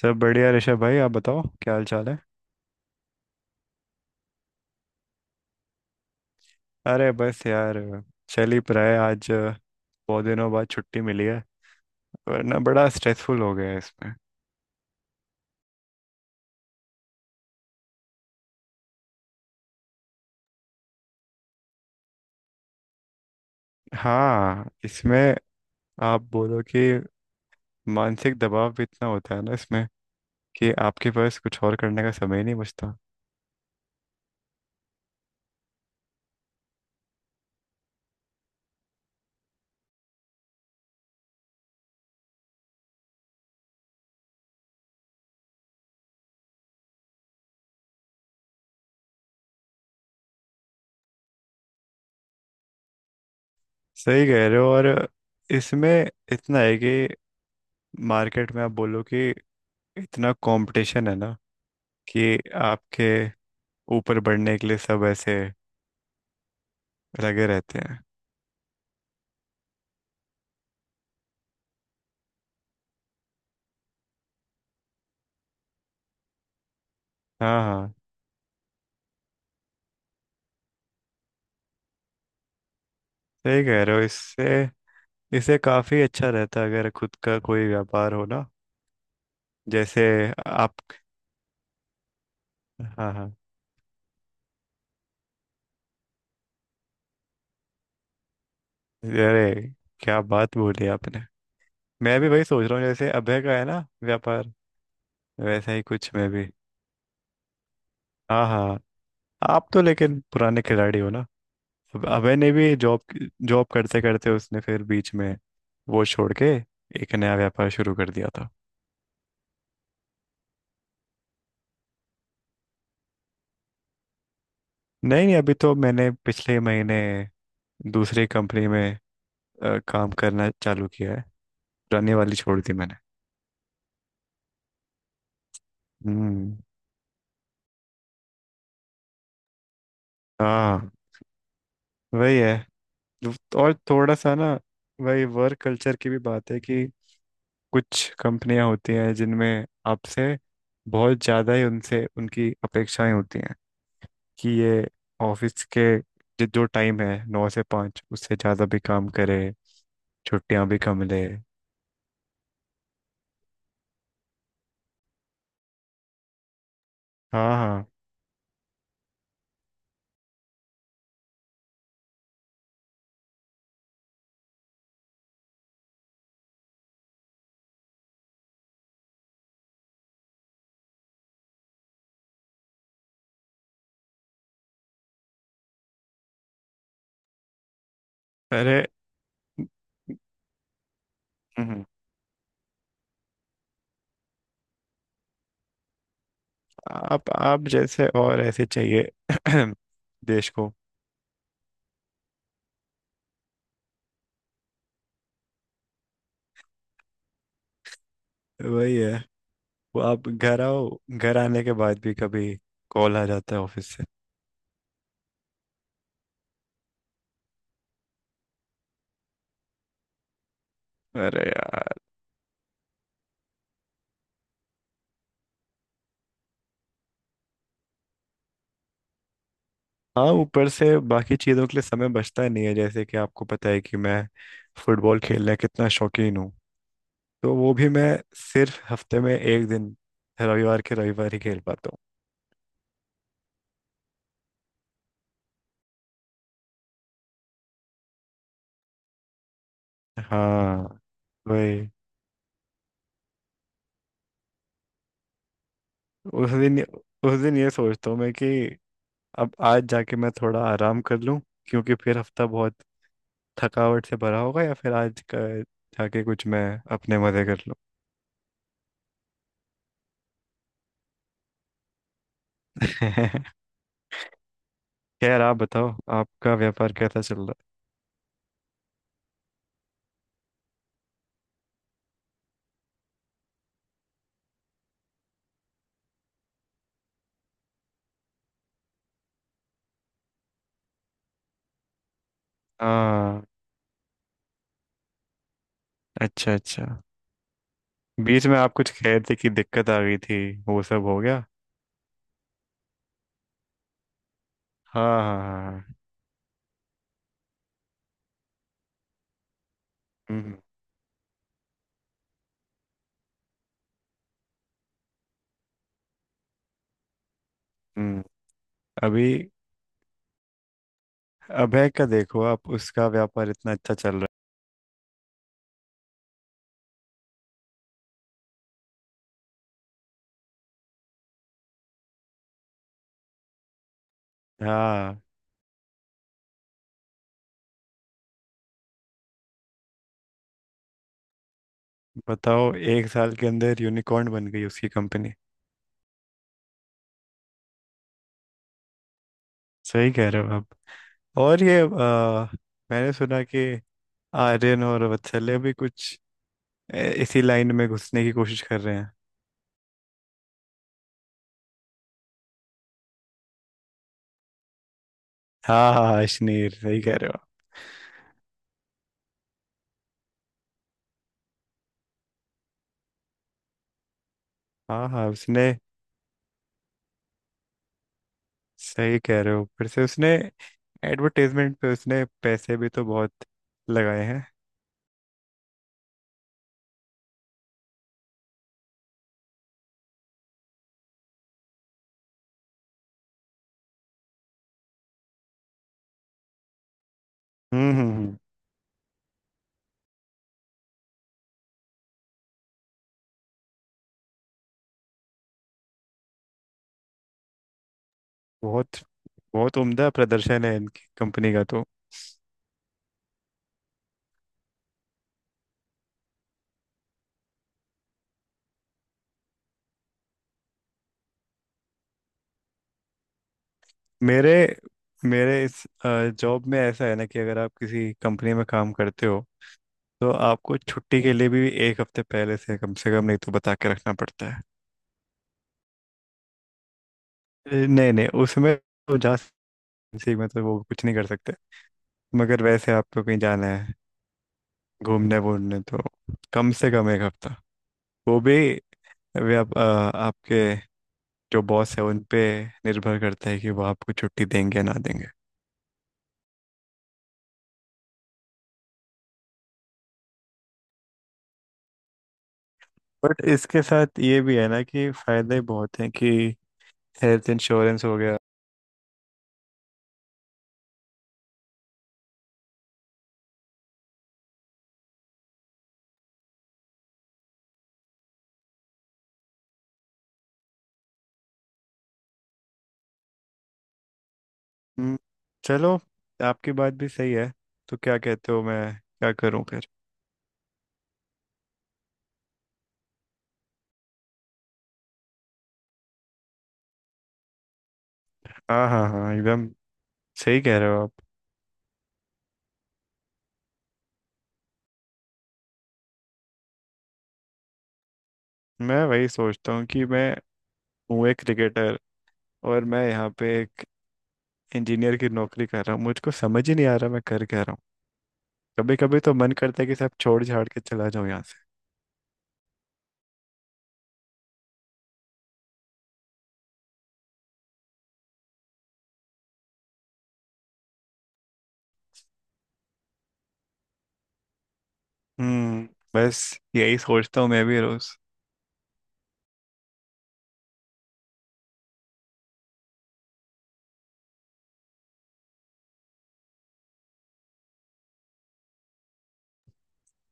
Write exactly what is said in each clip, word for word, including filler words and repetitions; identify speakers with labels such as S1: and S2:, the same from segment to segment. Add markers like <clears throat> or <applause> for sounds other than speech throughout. S1: सब बढ़िया ऋषभ भाई। आप बताओ क्या हाल चाल है। अरे बस यार, चल ही रहा है। आज अ, बहुत दिनों बाद छुट्टी मिली है। वरना बड़ा स्ट्रेसफुल हो गया है इसमें। हाँ, इसमें आप बोलो कि मानसिक दबाव भी इतना होता है ना इसमें, कि आपके पास कुछ और करने का समय ही नहीं बचता। सही कह रहे हो। और इसमें इतना है कि मार्केट में आप बोलो कि इतना कंपटीशन है ना, कि आपके ऊपर बढ़ने के लिए सब ऐसे लगे रहते हैं। हाँ हाँ। सही कह रहे हो। इससे इससे काफी अच्छा रहता है अगर खुद का कोई व्यापार हो ना। जैसे आप। हाँ हाँ। अरे क्या बात बोली आपने! मैं भी वही सोच रहा हूँ, जैसे अभय का है ना व्यापार, वैसा ही कुछ मैं भी। हाँ हाँ। आप तो लेकिन पुराने खिलाड़ी हो ना। अब अभय ने भी जॉब जॉब करते करते उसने फिर बीच में वो छोड़ के एक नया व्यापार शुरू कर दिया था। नहीं नहीं, अभी तो मैंने पिछले महीने दूसरी कंपनी में अ, काम करना चालू किया है। पुरानी वाली छोड़ दी मैंने। हम्म। हाँ वही है। और थोड़ा सा ना, वही वर्क कल्चर की भी बात है कि कुछ कंपनियां होती हैं जिनमें आपसे बहुत ज़्यादा ही उनसे उनकी अपेक्षाएं होती हैं, कि ये ऑफिस के जो जो टाइम है, नौ से पाँच, उससे ज़्यादा भी काम करे, छुट्टियां भी कम ले। हाँ हाँ। अरे। हम्म, आप आप जैसे और ऐसे चाहिए <clears throat> देश को। वही है। वो आप घर आओ, घर आने के बाद भी कभी कॉल आ जाता है ऑफिस से। अरे यार! हाँ, ऊपर से बाकी चीज़ों के लिए समय बचता नहीं है। जैसे कि आपको पता है कि मैं फुटबॉल खेलने का कितना शौकीन हूँ, तो वो भी मैं सिर्फ हफ्ते में एक दिन, रविवार के रविवार ही खेल पाता हूँ। हाँ वही। उस दिन उस दिन ये सोचता हूँ मैं कि अब आज जाके मैं थोड़ा आराम कर लूँ, क्योंकि फिर हफ्ता बहुत थकावट से भरा होगा, या फिर आज का जाके कुछ मैं अपने मजे कर लूँ। <laughs> खैर आप बताओ, आपका व्यापार कैसा चल रहा है। हाँ, अच्छा अच्छा। बीच में आप कुछ कह रहे थे कि दिक्कत आ गई थी, वो सब हो गया? हाँ हाँ हाँ हाँ। हम्म हम्म। अभी अभय का देखो, आप उसका व्यापार इतना अच्छा चल रहा है। हाँ, बताओ, एक साल के अंदर यूनिकॉर्न बन गई उसकी कंपनी। सही कह रहे हो आप। और ये आ, मैंने सुना कि आर्यन और वत्सल्य भी कुछ ए, इसी लाइन में घुसने की कोशिश कर रहे हैं। हाँ हाँ हाँ, अश्नीर। सही कह रहे हो। हाँ हाँ। उसने सही कह रहे हो। फिर से उसने एडवर्टाइजमेंट पे उसने पैसे भी तो बहुत लगाए हैं। हम्म हम्म हम्म। बहुत बहुत उम्दा प्रदर्शन है इनकी कंपनी का तो। मेरे मेरे इस जॉब में ऐसा है ना कि अगर आप किसी कंपनी में काम करते हो, तो आपको छुट्टी के लिए भी एक हफ्ते पहले से कम से कम नहीं तो बता के रखना पड़ता है। ए, नहीं नहीं, उसमें तो जा सी में तो वो कुछ नहीं कर सकते। मगर वैसे आपको कहीं जाना है, घूमने वूमने, तो कम से कम एक हफ्ता, वो भी अभी आप अ, आपके जो बॉस है उन पे निर्भर करता है कि वो आपको छुट्टी देंगे या ना देंगे। बट इसके साथ ये भी है ना कि फायदे बहुत हैं, कि हेल्थ इंश्योरेंस हो गया। हम्म। चलो, आपकी बात भी सही है। तो क्या कहते हो, मैं क्या करूं फिर? हाँ हाँ हाँ, एकदम। सही कह रहे हो आप। मैं वही सोचता हूँ कि मैं हूँ एक क्रिकेटर, और मैं यहाँ पे एक इंजीनियर की नौकरी कर रहा हूँ। मुझको समझ ही नहीं आ रहा मैं कर क्या रहा हूँ। कभी कभी तो मन करता है कि सब छोड़ छाड़ के चला जाऊं यहाँ से। हम्म। बस यही सोचता हूँ मैं भी रोज।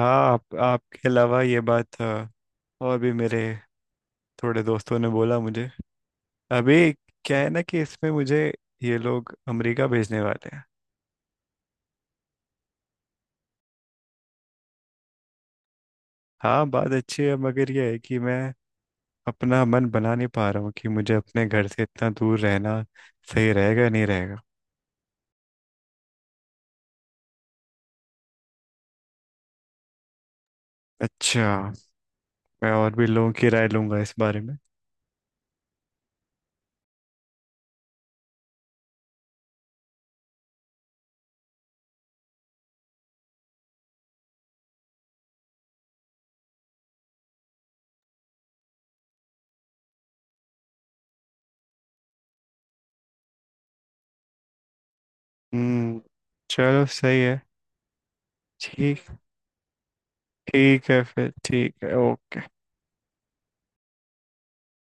S1: हाँ, आप, आपके अलावा ये बात अ, और भी मेरे थोड़े दोस्तों ने बोला मुझे अभी। क्या है ना कि इसमें मुझे ये लोग अमेरिका भेजने वाले हैं। हाँ, बात अच्छी है, मगर ये है कि मैं अपना मन बना नहीं पा रहा हूँ कि मुझे अपने घर से इतना दूर रहना सही रहेगा नहीं रहेगा। अच्छा। मैं और भी लोगों की राय लूंगा इस बारे में। हम्म। चलो सही है। ठीक। ठीक है फिर। ठीक है। ओके।